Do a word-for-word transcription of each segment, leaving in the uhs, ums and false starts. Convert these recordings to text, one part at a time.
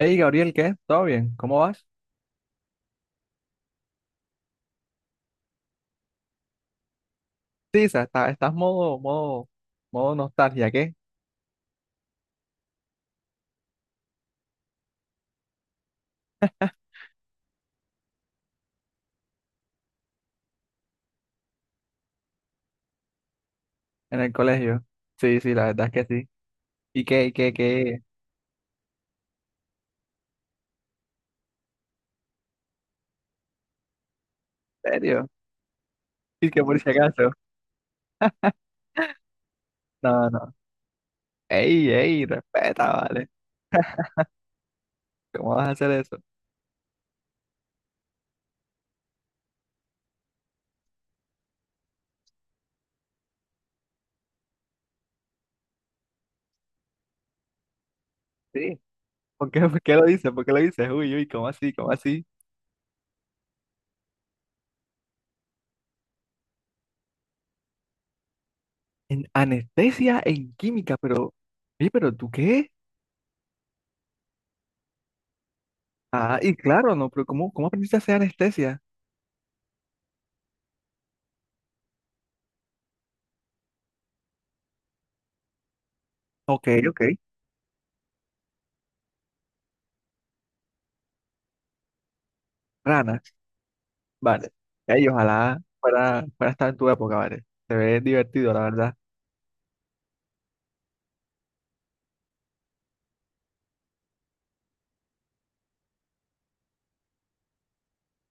Hey Gabriel, ¿qué? ¿Todo bien? ¿Cómo vas? Sí, o sea, está- estás modo, modo, modo nostalgia, ¿qué? En el colegio. Sí, sí, la verdad es que sí. ¿Y qué, qué, qué? ¿En serio? ¿Y que por si acaso? No, no. Ey, ey, respeta, vale. ¿Cómo vas a hacer eso? Sí. ¿Por qué, por qué lo dices? ¿Por qué lo dices? Uy, uy, ¿cómo así? ¿Cómo así? En anestesia en química, pero, oye, pero ¿tú qué? Ah, y claro, no, pero ¿cómo, cómo aprendiste a hacer anestesia? Ok, ok. Rana. Vale. Ey, ojalá para estar en tu época, vale. Se ve divertido, la verdad.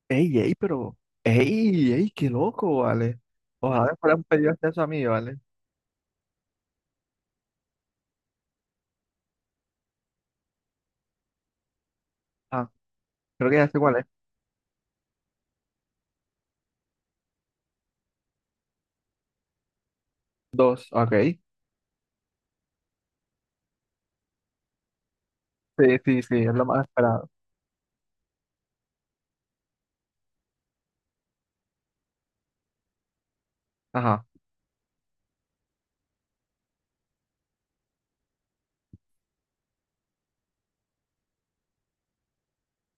Ey, ey, pero. Ey, ey, qué loco, vale. Ojalá fuera un pedido de acceso a mí, vale. Ah, creo que ya sé cuál es. Dos, ok. Sí, sí, sí, es lo más esperado. Ajá.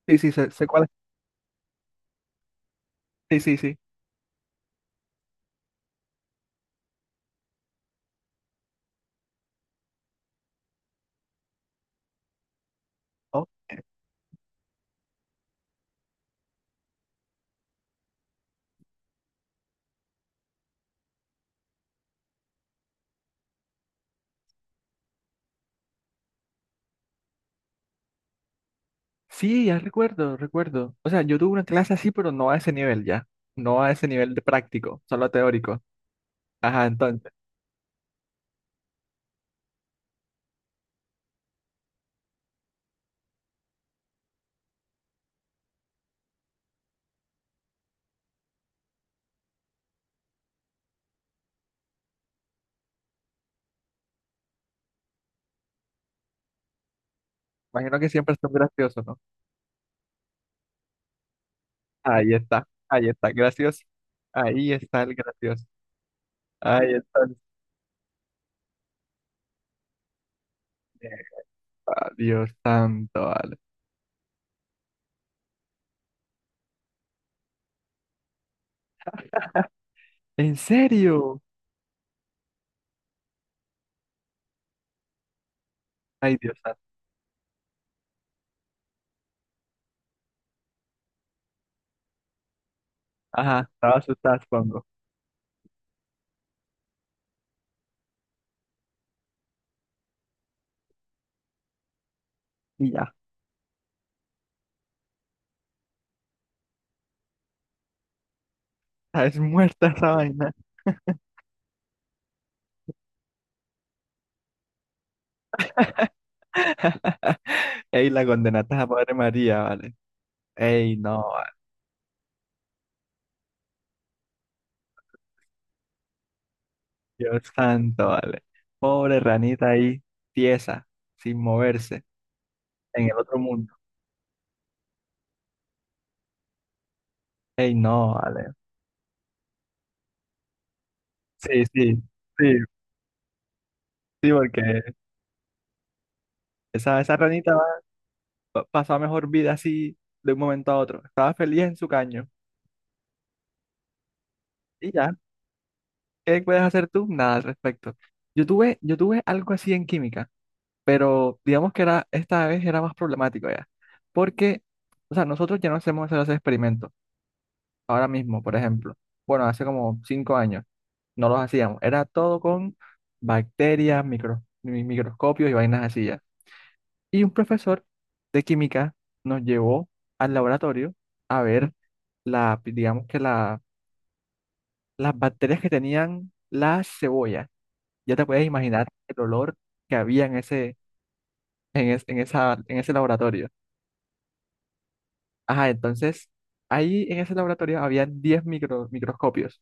Sí, sí, sé, sé cuál es. Sí, sí, sí. Oh, sí, ya recuerdo, recuerdo. O sea, yo tuve una clase así, pero no a ese nivel ya. No a ese nivel de práctico, solo teórico. Ajá, entonces. Imagino que siempre son graciosos. Ahí está, ahí está, gracioso. Ahí está el gracioso. Ahí está el... Ah, Dios santo, vale. ¿En serio? Ay, Dios santo. Ajá, estaba asustada, supongo. Y ya, ah, es muerta esa vaina. Ey, la condenaste a Padre María, vale. Ey, no, vale. Dios santo, vale. Pobre ranita ahí, tiesa, sin moverse, en el otro mundo. Ey, no, vale. Sí, sí, sí, sí, porque esa, esa ranita pa- pasaba mejor vida así de un momento a otro. Estaba feliz en su caño. Y ya, ¿qué puedes hacer tú? Nada al respecto. Yo tuve, yo tuve algo así en química, pero digamos que era, esta vez era más problemático ya. Porque, o sea, nosotros ya no hacemos esos experimentos. Ahora mismo, por ejemplo. Bueno, hace como cinco años no los hacíamos. Era todo con bacterias, micro- mi- microscopios y vainas así ya. Y un profesor de química nos llevó al laboratorio a ver la, digamos que la las bacterias que tenían la cebolla. Ya te puedes imaginar el olor que había en ese, en es- en esa, en ese laboratorio. Ajá, entonces ahí en ese laboratorio había diez micro- microscopios,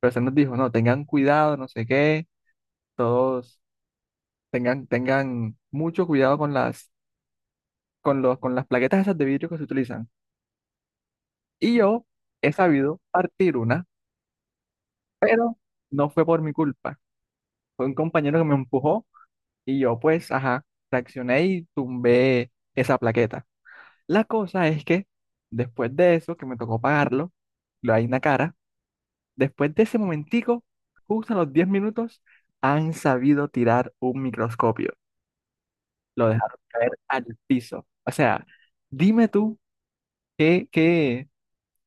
pero se nos dijo, no, tengan cuidado, no sé qué, todos tengan, tengan mucho cuidado con las, con los, con las plaquetas esas de vidrio que se utilizan. Y yo he sabido partir una, pero no fue por mi culpa. Fue un compañero que me empujó. Y yo pues, ajá, reaccioné y tumbé esa plaqueta. La cosa es que después de eso, que me tocó pagarlo, lo hay una cara, después de ese momentico, justo a los diez minutos, han sabido tirar un microscopio. Lo dejaron caer al piso. O sea, dime tú qué, qué,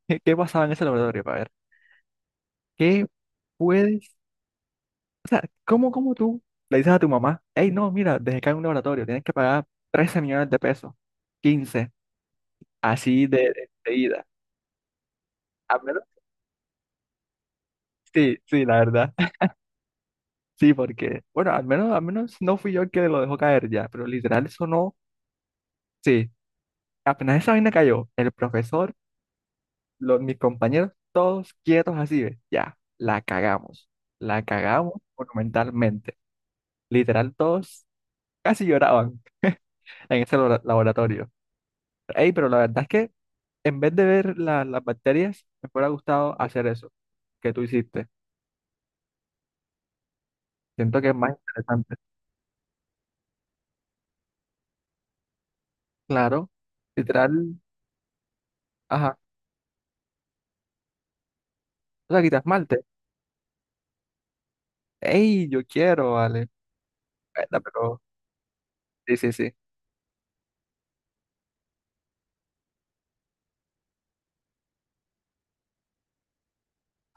qué, qué pasaba en ese laboratorio, para ver, ¿qué puedes, cómo, cómo tú le dices a tu mamá, hey, no, mira, dejé caer un laboratorio, tienes que pagar trece millones de pesos, quince así de, de, de ida. Al menos, sí, sí, la verdad. Sí, porque, bueno, al menos, al menos no fui yo el que lo dejó caer ya, pero literal eso no, sí, apenas esa vaina cayó, el profesor, los, mis compañeros, todos quietos así, ¿ves? Ya, la cagamos, la cagamos monumentalmente. Literal, todos casi lloraban en ese labo- laboratorio. Ey, pero la verdad es que en vez de ver la- las bacterias, me hubiera gustado hacer eso que tú hiciste. Siento que es más interesante. Claro, literal, ajá. O sea, quita esmalte. ¡Ey! Yo quiero, vale. Bueno, pero. Sí, sí, sí.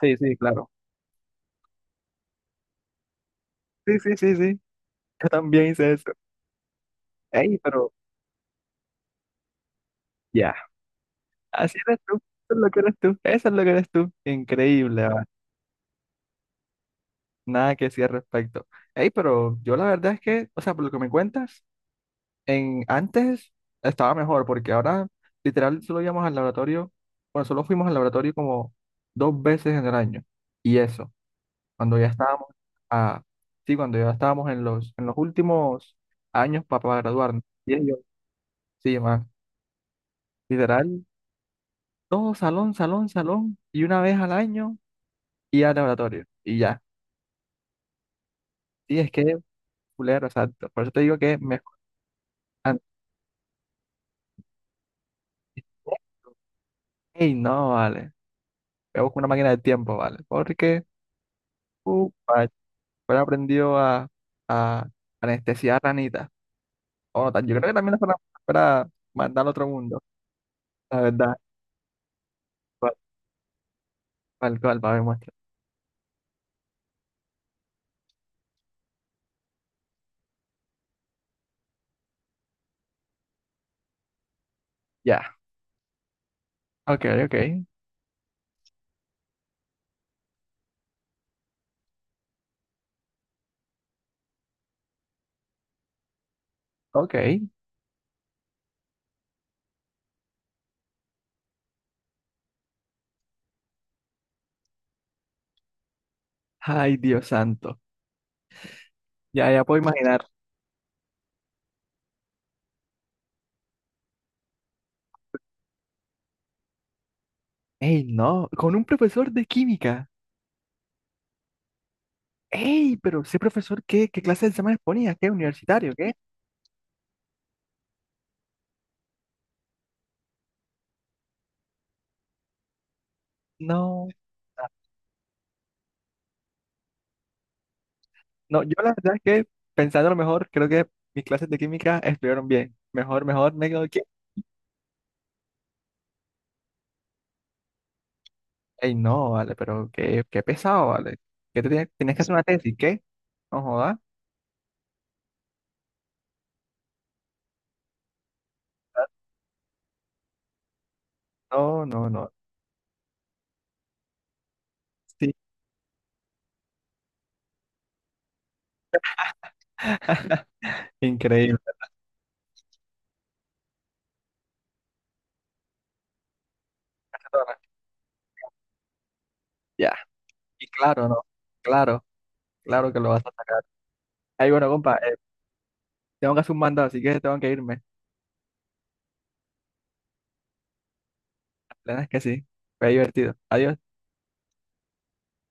Sí, sí, claro. Sí, sí, sí, sí. Yo también hice eso. ¡Ey! Pero. Ya. Así eres tú. Eso es lo que eres tú. Eso es lo que eres tú. Increíble, vale. Nada que decir al respecto. ¡Ey! Pero yo la verdad es que, o sea, por lo que me cuentas, en antes estaba mejor, porque ahora literal solo íbamos al laboratorio. Bueno, solo fuimos al laboratorio como dos veces en el año. Y eso cuando ya estábamos, ah, sí, cuando ya estábamos en los, en los últimos años pa- para graduarnos. Y ellos, sí, man, literal, todo salón, salón, salón, y una vez al año y al laboratorio, y ya. Sí, es que, fulero, exacto. Por eso te digo que me... an- Ey, no, vale. Me busco una máquina del tiempo, vale. Porque, uh, vale, fuera aprendió a, a anestesiar a Anita. O no, tan- yo creo que también es para, para mandar al otro mundo, la verdad. Tal tal cual, para demostrar. Ya. Ok, ok. Ok. Ay, Dios santo. Ya, ya puedo imaginar. Ey, no, con un profesor de química. Ey, pero ese profesor, ¿qué, qué clase de exámenes ponía? ¿Qué? ¿Universitario? ¿Qué? No. Ah, no, yo la verdad es que, pensando lo mejor, creo que mis clases de química estuvieron bien. Mejor, mejor, me quedo aquí. Ey, no, vale, pero qué, qué pesado, vale. ¿Qué te tienes, tienes que hacer una tesis? ¿Qué? No jodas. Ah, no, no, no. Sí, increíble. Ya, y claro, no. Claro, claro que lo vas a sacar. Ay, bueno, compa. Tengo que hacer un mandado, así que tengo que irme. La verdad es que sí. Fue divertido. Adiós.